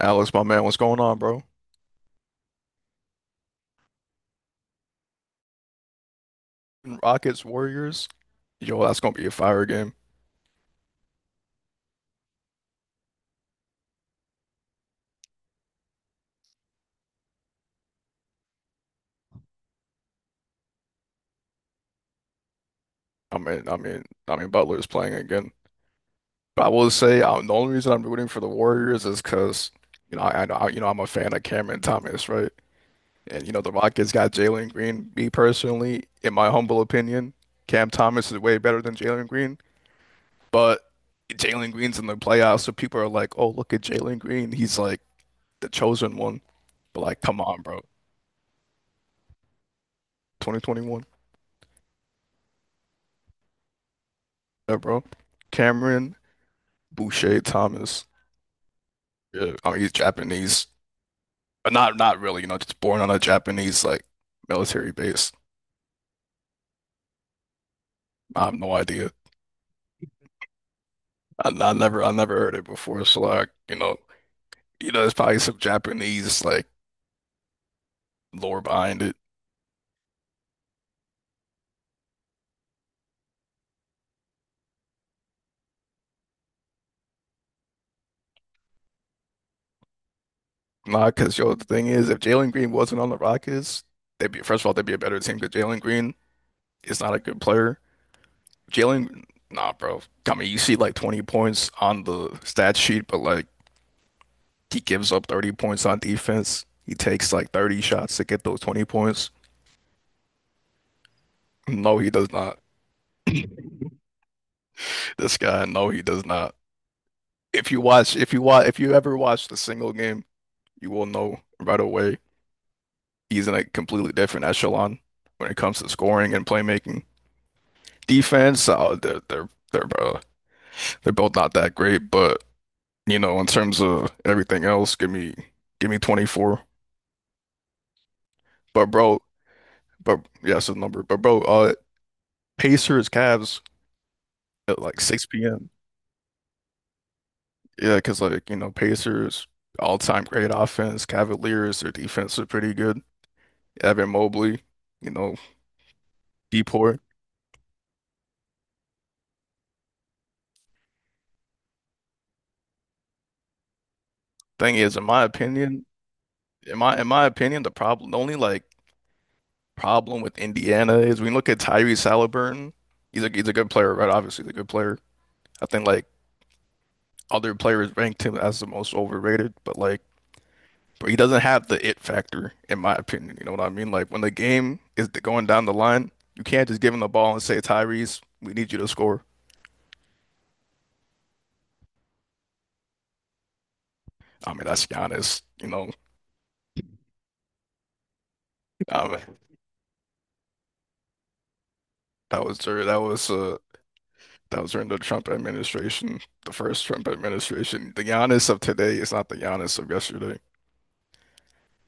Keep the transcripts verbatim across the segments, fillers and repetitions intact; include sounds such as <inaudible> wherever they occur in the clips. Alex, my man, what's going on, bro? Rockets, Warriors. Yo, that's gonna be a fire game. I mean, I mean, I mean, Butler is playing again. But I will say, uh the only reason I'm rooting for the Warriors is because, you know, I, I, I- you know, I'm a fan of Cameron Thomas, right? And you know, the Rockets got Jalen Green. Me personally, in my humble opinion, Cam Thomas is way better than Jalen Green. But Jalen Green's in the playoffs, so people are like, "Oh, look at Jalen Green. He's like the chosen one." But like, come on, bro. twenty twenty-one, yeah, bro. Cameron. Boucher Thomas. Yeah, I mean he's Japanese. Uh, Not not really, you know, just born on a Japanese like military base. I have no idea. I, I never I never heard it before. So like, you know, you know, there's probably some Japanese like lore behind it. Nah, because yo, the thing is, if Jalen Green wasn't on the Rockets, they'd be first of all, they'd be a better team because Jalen Green is not a good player. Jalen, nah, bro. I mean, you see like twenty points on the stat sheet, but like He gives up thirty points on defense. He takes like thirty shots to get those twenty points. No, he does not. This guy, no, he does not. If you watch, if you watch, if you ever watched a single game, you will know right away he's in a completely different echelon when it comes to scoring and playmaking. Defense, uh, they're they're they're uh, they're both not that great, but you know, in terms of everything else, give me give me twenty-four. But bro, but yeah, it's a number. But bro, uh, Pacers, Cavs at like six p m. Yeah, because like, you know, Pacers, all-time great offense. Cavaliers, their defense is pretty good. Evan Mobley, you know, Deport. Thing is, in my opinion, in my in my opinion, the problem, the only like problem with Indiana is when you look at Tyrese Halliburton, he's a he's a good player, right? Obviously, he's a good player. I think like other players ranked him as the most overrated, but like, but he doesn't have the it factor, in my opinion. You know what I mean? Like when the game is going down the line, you can't just give him the ball and say, Tyrese, we need you to score. I mean, that's Giannis, you know. I mean, that was during that was uh that was during the Trump administration, the first Trump administration. The Giannis of today is not the Giannis of yesterday.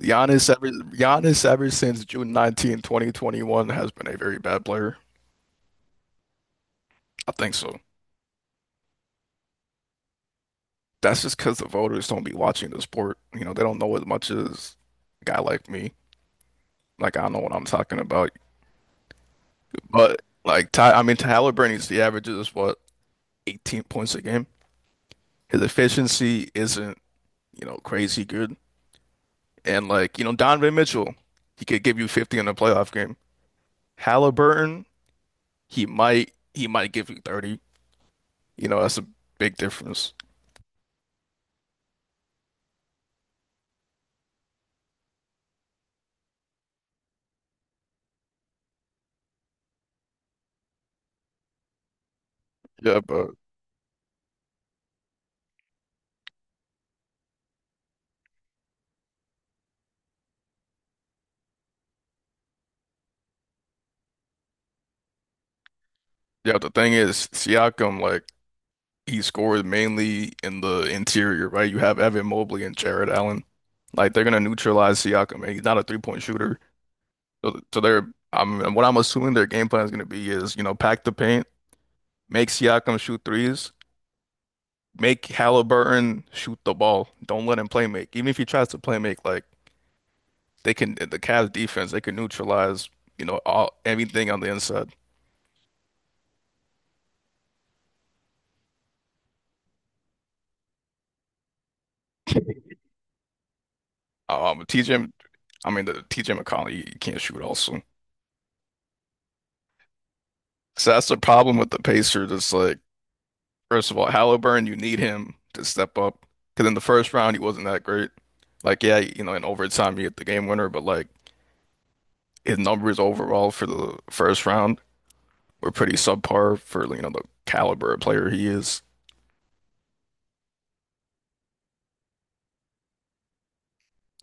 Giannis ever Giannis ever since June nineteenth, twenty twenty-one has been a very bad player. I think so. That's just because the voters don't be watching the sport. You know, they don't know as much as a guy like me. Like I know what I'm talking about. But like Ty, I mean Tyler Bernie's the average is what eighteen points a game. His efficiency isn't you know, crazy good. And like, you know, Donovan Mitchell, he could give you fifty in a playoff game. Halliburton, he might he might give you thirty. You know, that's a big difference. Yeah, but yeah, the thing is, Siakam, like, he scores mainly in the interior, right? You have Evan Mobley and Jared Allen. Like they're gonna neutralize Siakam, and he's not a three point shooter. So, so they're I'm what I'm assuming their game plan is gonna be is, you know, pack the paint, make Siakam shoot threes, make Halliburton shoot the ball. Don't let him play make. Even if he tries to play make, like they can the Cavs defense, they can neutralize, you know, all everything on the inside. <laughs> Um, T J, I mean the T J McCollum you can't shoot also. So that's the problem with the Pacers. It's like, first of all, Halliburton, you need him to step up because in the first round he wasn't that great. Like, yeah, you know, in overtime you get the game winner, but like his numbers overall for the first round were pretty subpar for you know the caliber of player he is.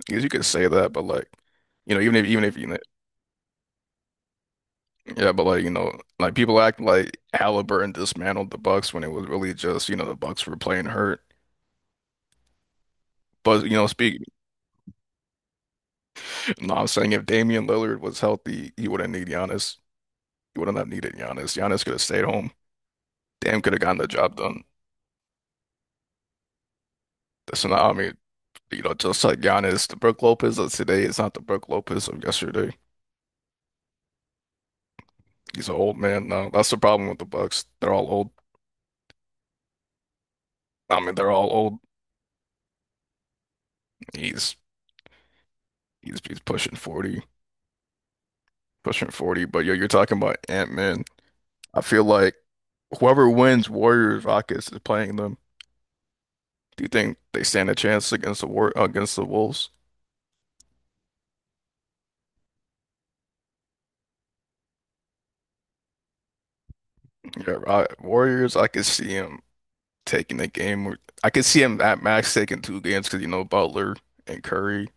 Because you could say that, but like, you know, even if even if you know, yeah, but like, you know, like people act like Halliburton dismantled the Bucks when it was really just, you know, the Bucks were playing hurt. But you know, speak. No, I'm saying if Damian Lillard was healthy, he wouldn't need Giannis. He wouldn't have needed Giannis. Giannis could have stayed home. Damn, could have gotten the job done. That's not, I mean, you know, just like Giannis, the Brook Lopez of today is not the Brook Lopez of yesterday. He's an old man now. That's the problem with the Bucks. They're all old. I mean, they're all old. He's he's he's pushing forty. pushing forty, but yo, you're talking about Ant-Man. I feel like whoever wins Warriors Rockets is playing them. Do you think they stand a chance against the war against the Wolves? Yeah, Ro- Warriors, I could see him taking the game. or- I could see him at max taking two games because you know Butler and Curry.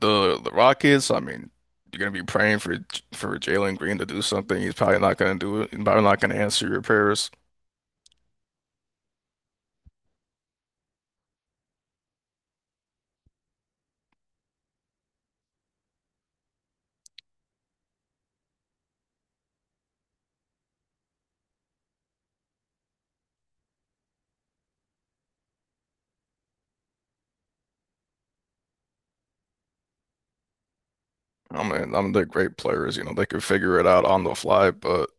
The the Rockets, I mean, you're gonna be praying for for Jalen Green to do something. He's probably not gonna do it. He's probably not gonna answer your prayers. I mean, I'm the great players, you know, they could figure it out on the fly, but.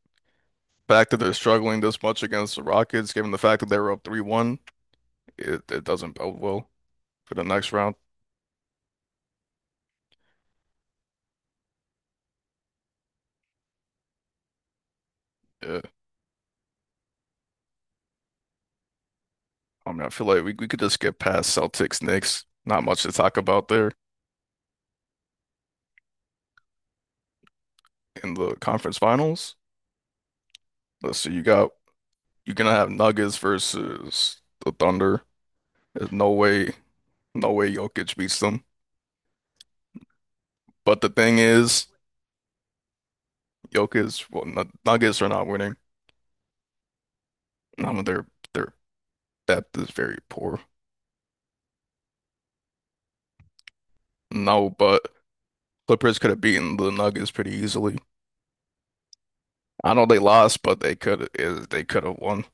fact that they're struggling this much against the Rockets, given the fact that they were up three one, it, it doesn't bode well for the next round. Yeah. I mean, I feel like we, we could just get past Celtics, Knicks. Not much to talk about there in the conference finals. Let's see, you got you're gonna have Nuggets versus the Thunder. There's no way, no way Jokic beats them. But the thing is, Jokic, well, N- Nuggets are not winning. I mean, their their depth is very poor. No, but Clippers could have beaten the Nuggets pretty easily. I know they lost, but they could they could have won.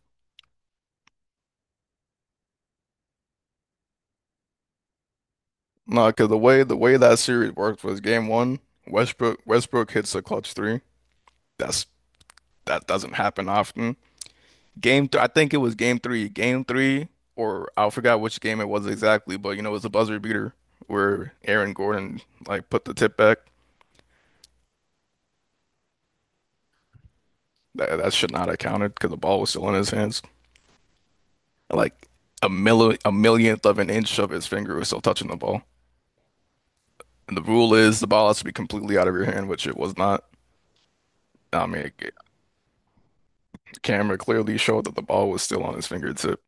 No, because the way the way that series worked was game one, Westbrook Westbrook hits a clutch three. That's that doesn't happen often. Game th I think it was game three, game three, or I forgot which game it was exactly, but you know it was a buzzer beater where Aaron Gordon like put the tip back. That that should not have counted because the ball was still in his hands. Like a milli a millionth of an inch of his finger was still touching the ball. And the rule is the ball has to be completely out of your hand, which it was not. I mean, the camera clearly showed that the ball was still on his fingertip.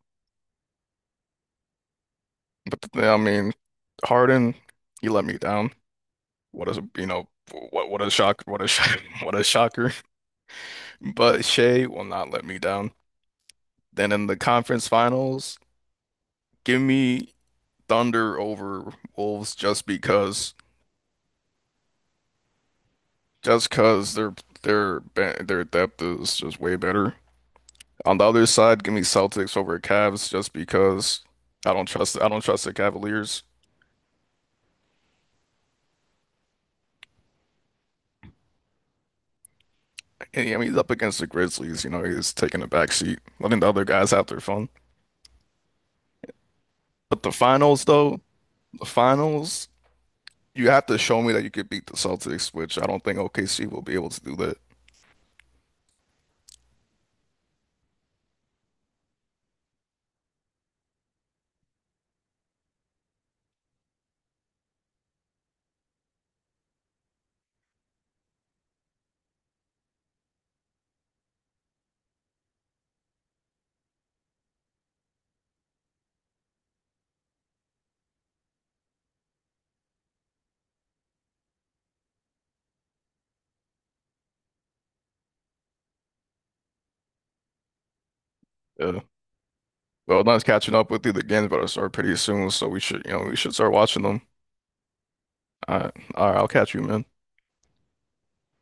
But the I mean, Harden, he let me down. What a you know, what what a shock, what a shock, <laughs> what a shocker. But Shea will not let me down. Then in the conference finals, give me Thunder over Wolves just because, just because their their be- their depth is just way better. On the other side, give me Celtics over Cavs just because I don't trust I don't trust the Cavaliers. And, I mean, he's up against the Grizzlies. You know, he's taking a back seat, letting the other guys have their fun. But the finals, though, the finals, you have to show me that you could beat the Celtics, which I don't think O K C will be able to do that. Yeah. Well, not catching up with you. The games about to start pretty soon, so we should, you know, we should start watching them. All right, all right, I'll catch you, man.